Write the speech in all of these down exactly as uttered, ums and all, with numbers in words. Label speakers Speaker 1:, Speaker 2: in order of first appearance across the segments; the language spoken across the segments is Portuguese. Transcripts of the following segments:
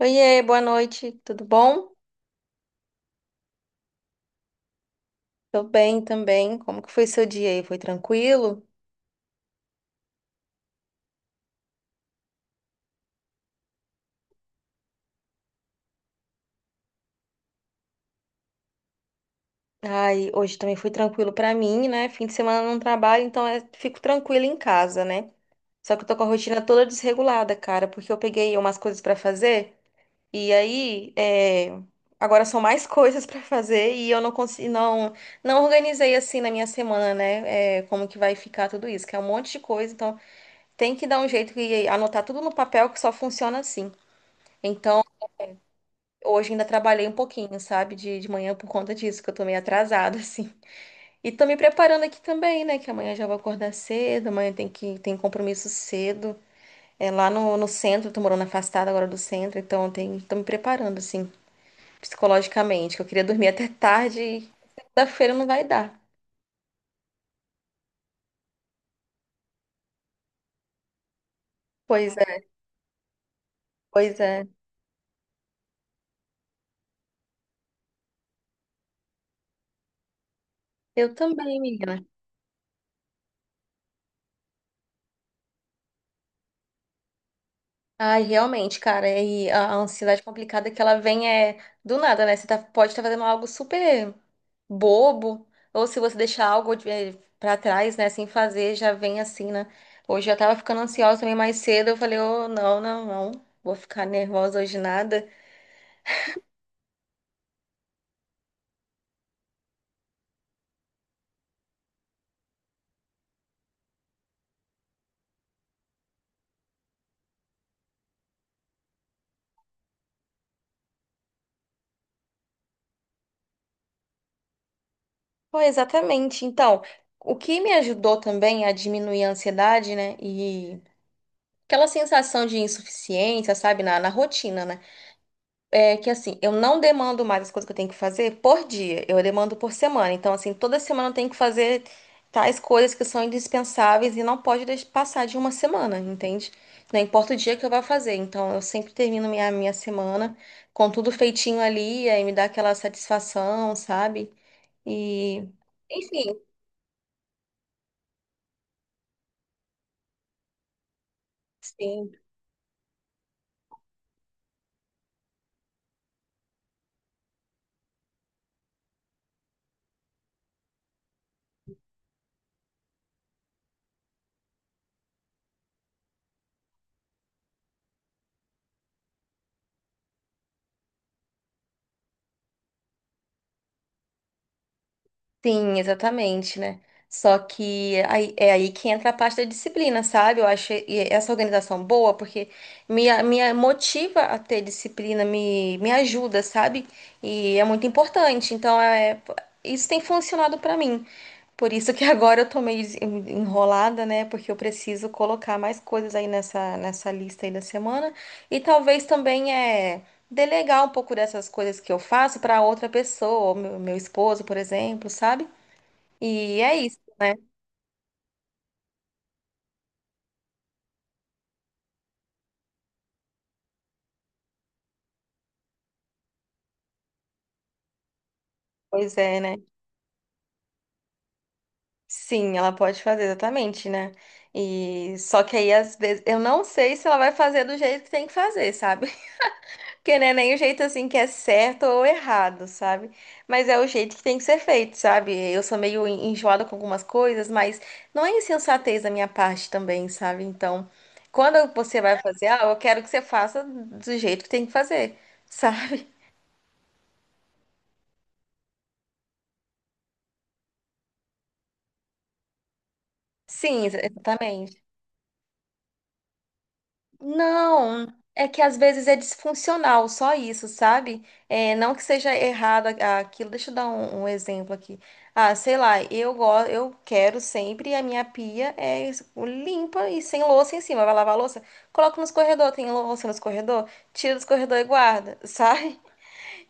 Speaker 1: Oiê, boa noite, tudo bom? Tô bem também. Como que foi seu dia aí? Foi tranquilo? Ai, hoje também foi tranquilo pra mim, né? Fim de semana eu não trabalho, então eu fico tranquila em casa, né? Só que eu tô com a rotina toda desregulada, cara, porque eu peguei umas coisas pra fazer e aí é, agora são mais coisas pra fazer e eu não consigo, não, não organizei assim na minha semana, né? É, como que vai ficar tudo isso? Que é um monte de coisa, então tem que dar um jeito e anotar tudo no papel que só funciona assim. Então, hoje ainda trabalhei um pouquinho, sabe, de, de manhã por conta disso, que eu tô meio atrasada, assim. E tô me preparando aqui também, né, que amanhã já vou acordar cedo, amanhã tem que tem compromisso cedo. É lá no, no centro, eu tô morando afastada agora do centro, então tem, tô me preparando, assim, psicologicamente, que eu queria dormir até tarde e segunda-feira não vai dar. Pois é, pois é. Eu também, menina. Ai, realmente, cara, e a a ansiedade complicada que ela vem é do nada, né? Você tá, pode estar fazendo algo super bobo, ou se você deixar algo de- eh, pra trás, né, sem fazer, já vem assim, né? Hoje eu tava ficando ansiosa também mais cedo, eu falei, oh, não, não, não, vou ficar nervosa hoje nada. Pô, exatamente. Então, o que me ajudou também a diminuir a ansiedade, né, e aquela sensação de insuficiência, sabe, na, na rotina, né? É que assim, eu não demando mais as coisas que eu tenho que fazer por dia, eu demando por semana. Então, assim, toda semana eu tenho que fazer tais coisas que são indispensáveis e não pode deix- passar de uma semana, entende? Não importa o dia que eu vá fazer. Então, eu sempre termino minha, minha semana com tudo feitinho ali, aí me dá aquela satisfação, sabe? E, enfim, sim. Sim, exatamente, né? Só que aí, é aí que entra a parte da disciplina, sabe? Eu acho e- essa organização boa porque me, a- me a- motiva a ter disciplina, me, me ajuda, sabe? E é muito importante. Então, é, isso tem funcionado pra mim. Por isso que agora eu tô meio des- en- enrolada, né? Porque eu preciso colocar mais coisas aí nessa, nessa lista aí da semana. E talvez também é delegar um pouco dessas coisas que eu faço pra outra pessoa, ou meu, meu esposo, por exemplo, sabe? E é isso, né? Pois é, né? Sim, ela pode fazer exatamente, né? E só que aí às vezes eu não sei se ela vai fazer do jeito que tem que fazer, sabe? Porque não é nem o jeito assim que é certo ou errado, sabe? Mas é o jeito que tem que ser feito, sabe? Eu sou meio en- enjoada com algumas coisas, mas não é insensatez da minha parte também, sabe? Então, quando você vai fazer ah, eu quero que você faça do jeito que tem que fazer, sabe? Sim, ex- exatamente. Não, é que às vezes é disfuncional, só isso, sabe? É, não que seja errado a- aquilo. Deixa eu dar um, um exemplo aqui. Ah, sei lá, eu go- eu quero sempre a minha pia é es- limpa e sem louça em cima. Vai lavar a louça? Coloco nos corredor, tem louça nos corredor, tira dos corredor e guarda, sabe?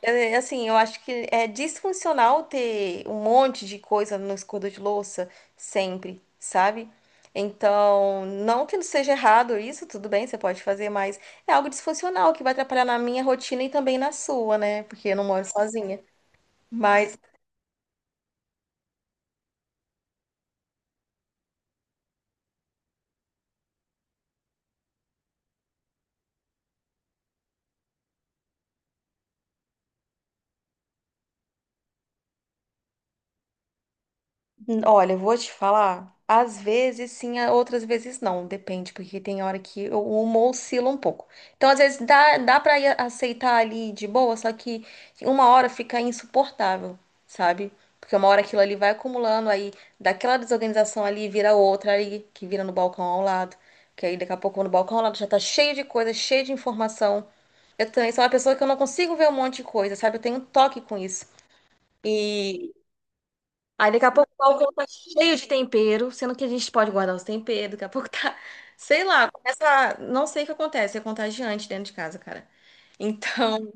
Speaker 1: É, assim, eu acho que é disfuncional ter um monte de coisa no escova de louça sempre, sabe? Então, não que não seja errado isso, tudo bem, você pode fazer, mas é algo disfuncional que vai atrapalhar na minha rotina e também na sua, né? Porque eu não moro sozinha. Mas Hum, olha, eu vou te falar, às vezes sim, a- outras vezes não, depende, porque tem hora que o humor oscila um pouco. Então, às vezes dá, dá pra ir aceitar ali de boa, só que uma hora fica insuportável, sabe? Porque uma hora aquilo ali vai acumulando, aí daquela desorganização ali vira outra ali, que vira no balcão ao lado, que aí daqui a pouco no balcão ao lado já tá cheio de coisa, cheio de informação. Eu também sou uma pessoa que eu não consigo ver um monte de coisa, sabe? Eu tenho um toque com isso, e aí daqui a pouco o balcão tá cheio de tempero, sendo que a gente pode guardar os temperos, daqui a pouco tá, sei lá, começa, a- não sei o que acontece, é contagiante dentro de casa, cara. Então,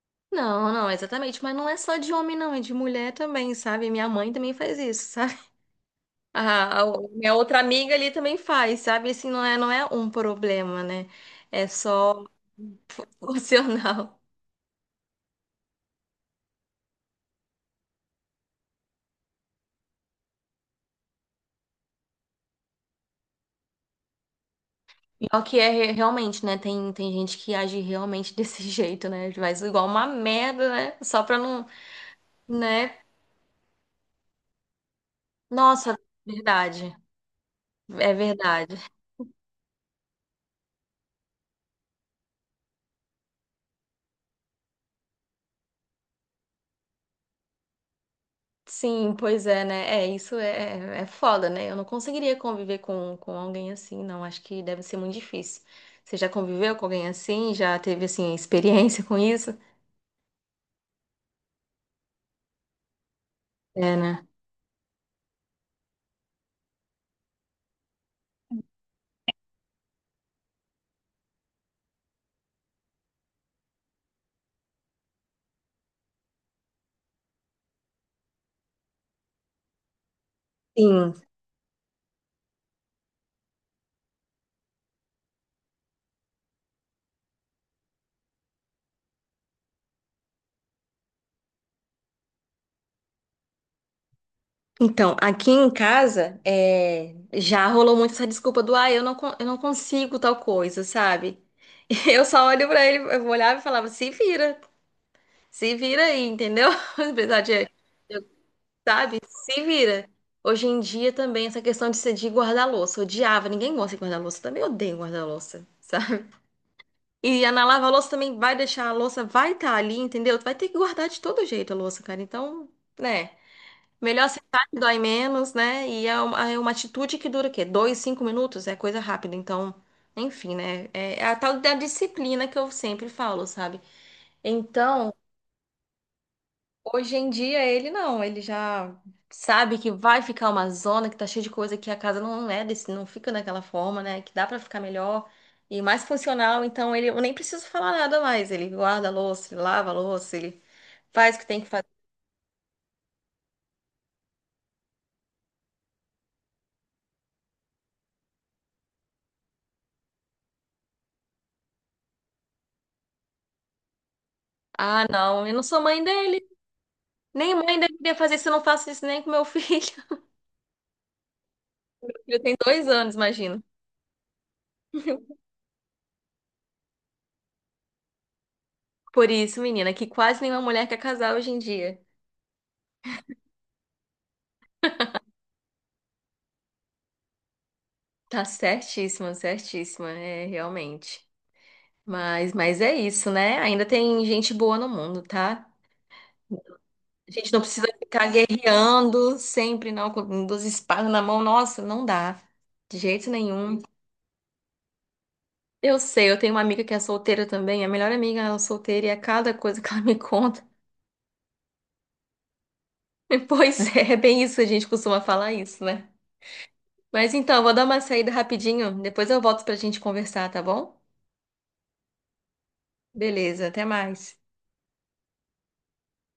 Speaker 1: não, não, exatamente, mas não é só de homem não, é de mulher também, sabe? Minha mãe também faz isso, sabe? A, a- Minha outra amiga ali também faz, sabe? Assim, não é, não é um problema, né? É só opcional. Pior que é re- realmente, né? Tem, tem gente que age realmente desse jeito, né? Faz igual uma merda, né? Só pra não, né? Nossa, verdade. É verdade. Sim, pois é, né? É, isso é, é é foda, né? Eu não conseguiria conviver com, com alguém assim, não. Acho que deve ser muito difícil. Você já conviveu com alguém assim? Já teve, assim, experiência com isso? É, né? Sim. Então, aqui em casa, é, já rolou muito essa desculpa do, ah, eu não, con- eu não consigo tal coisa, sabe? Eu só olho pra ele, eu olhava e falava, se vira, se vira aí, entendeu? Apesar de. Se vira. Hoje em dia também essa questão de, se- de guardar louça. Odiava, ninguém gosta de guardar louça. Também odeio guardar louça, sabe? E a na lava louça também vai deixar a louça, vai estar ali, entendeu? Tu vai ter que guardar de todo jeito a louça, cara. Então, né? Melhor aceitar que dói menos, né? E é uma, é uma atitude que dura o quê? Dois, cinco minutos? É coisa rápida. Então, enfim, né? É, é a tal da disciplina que eu sempre falo, sabe? Então, hoje em dia ele não, ele já sabe que vai ficar uma zona, que tá cheia de coisa, que a casa não é desse, não fica daquela forma, né? Que dá pra ficar melhor e mais funcional, então ele eu nem preciso falar nada mais. Ele guarda a louça, ele lava a louça, ele faz o que tem que fazer. Ah, não, eu não sou mãe dele. Nem mãe deveria fazer isso, eu não faço isso nem com meu filho. Ele tem dois anos, imagina. Por isso, menina, que quase nenhuma mulher quer casar hoje em dia. Tá certíssima, certíssima, é realmente. Mas, mas é isso, né? Ainda tem gente boa no mundo, tá? A gente não precisa ficar guerreando sempre, não, com duas espadas na mão. Nossa, não dá. De jeito nenhum. Eu sei, eu tenho uma amiga que é solteira também. A melhor amiga é solteira e é cada coisa que ela me conta. Pois é, é bem isso, a gente costuma falar isso, né? Mas então, eu vou dar uma saída rapidinho. Depois eu volto pra gente conversar, tá bom? Beleza, até mais.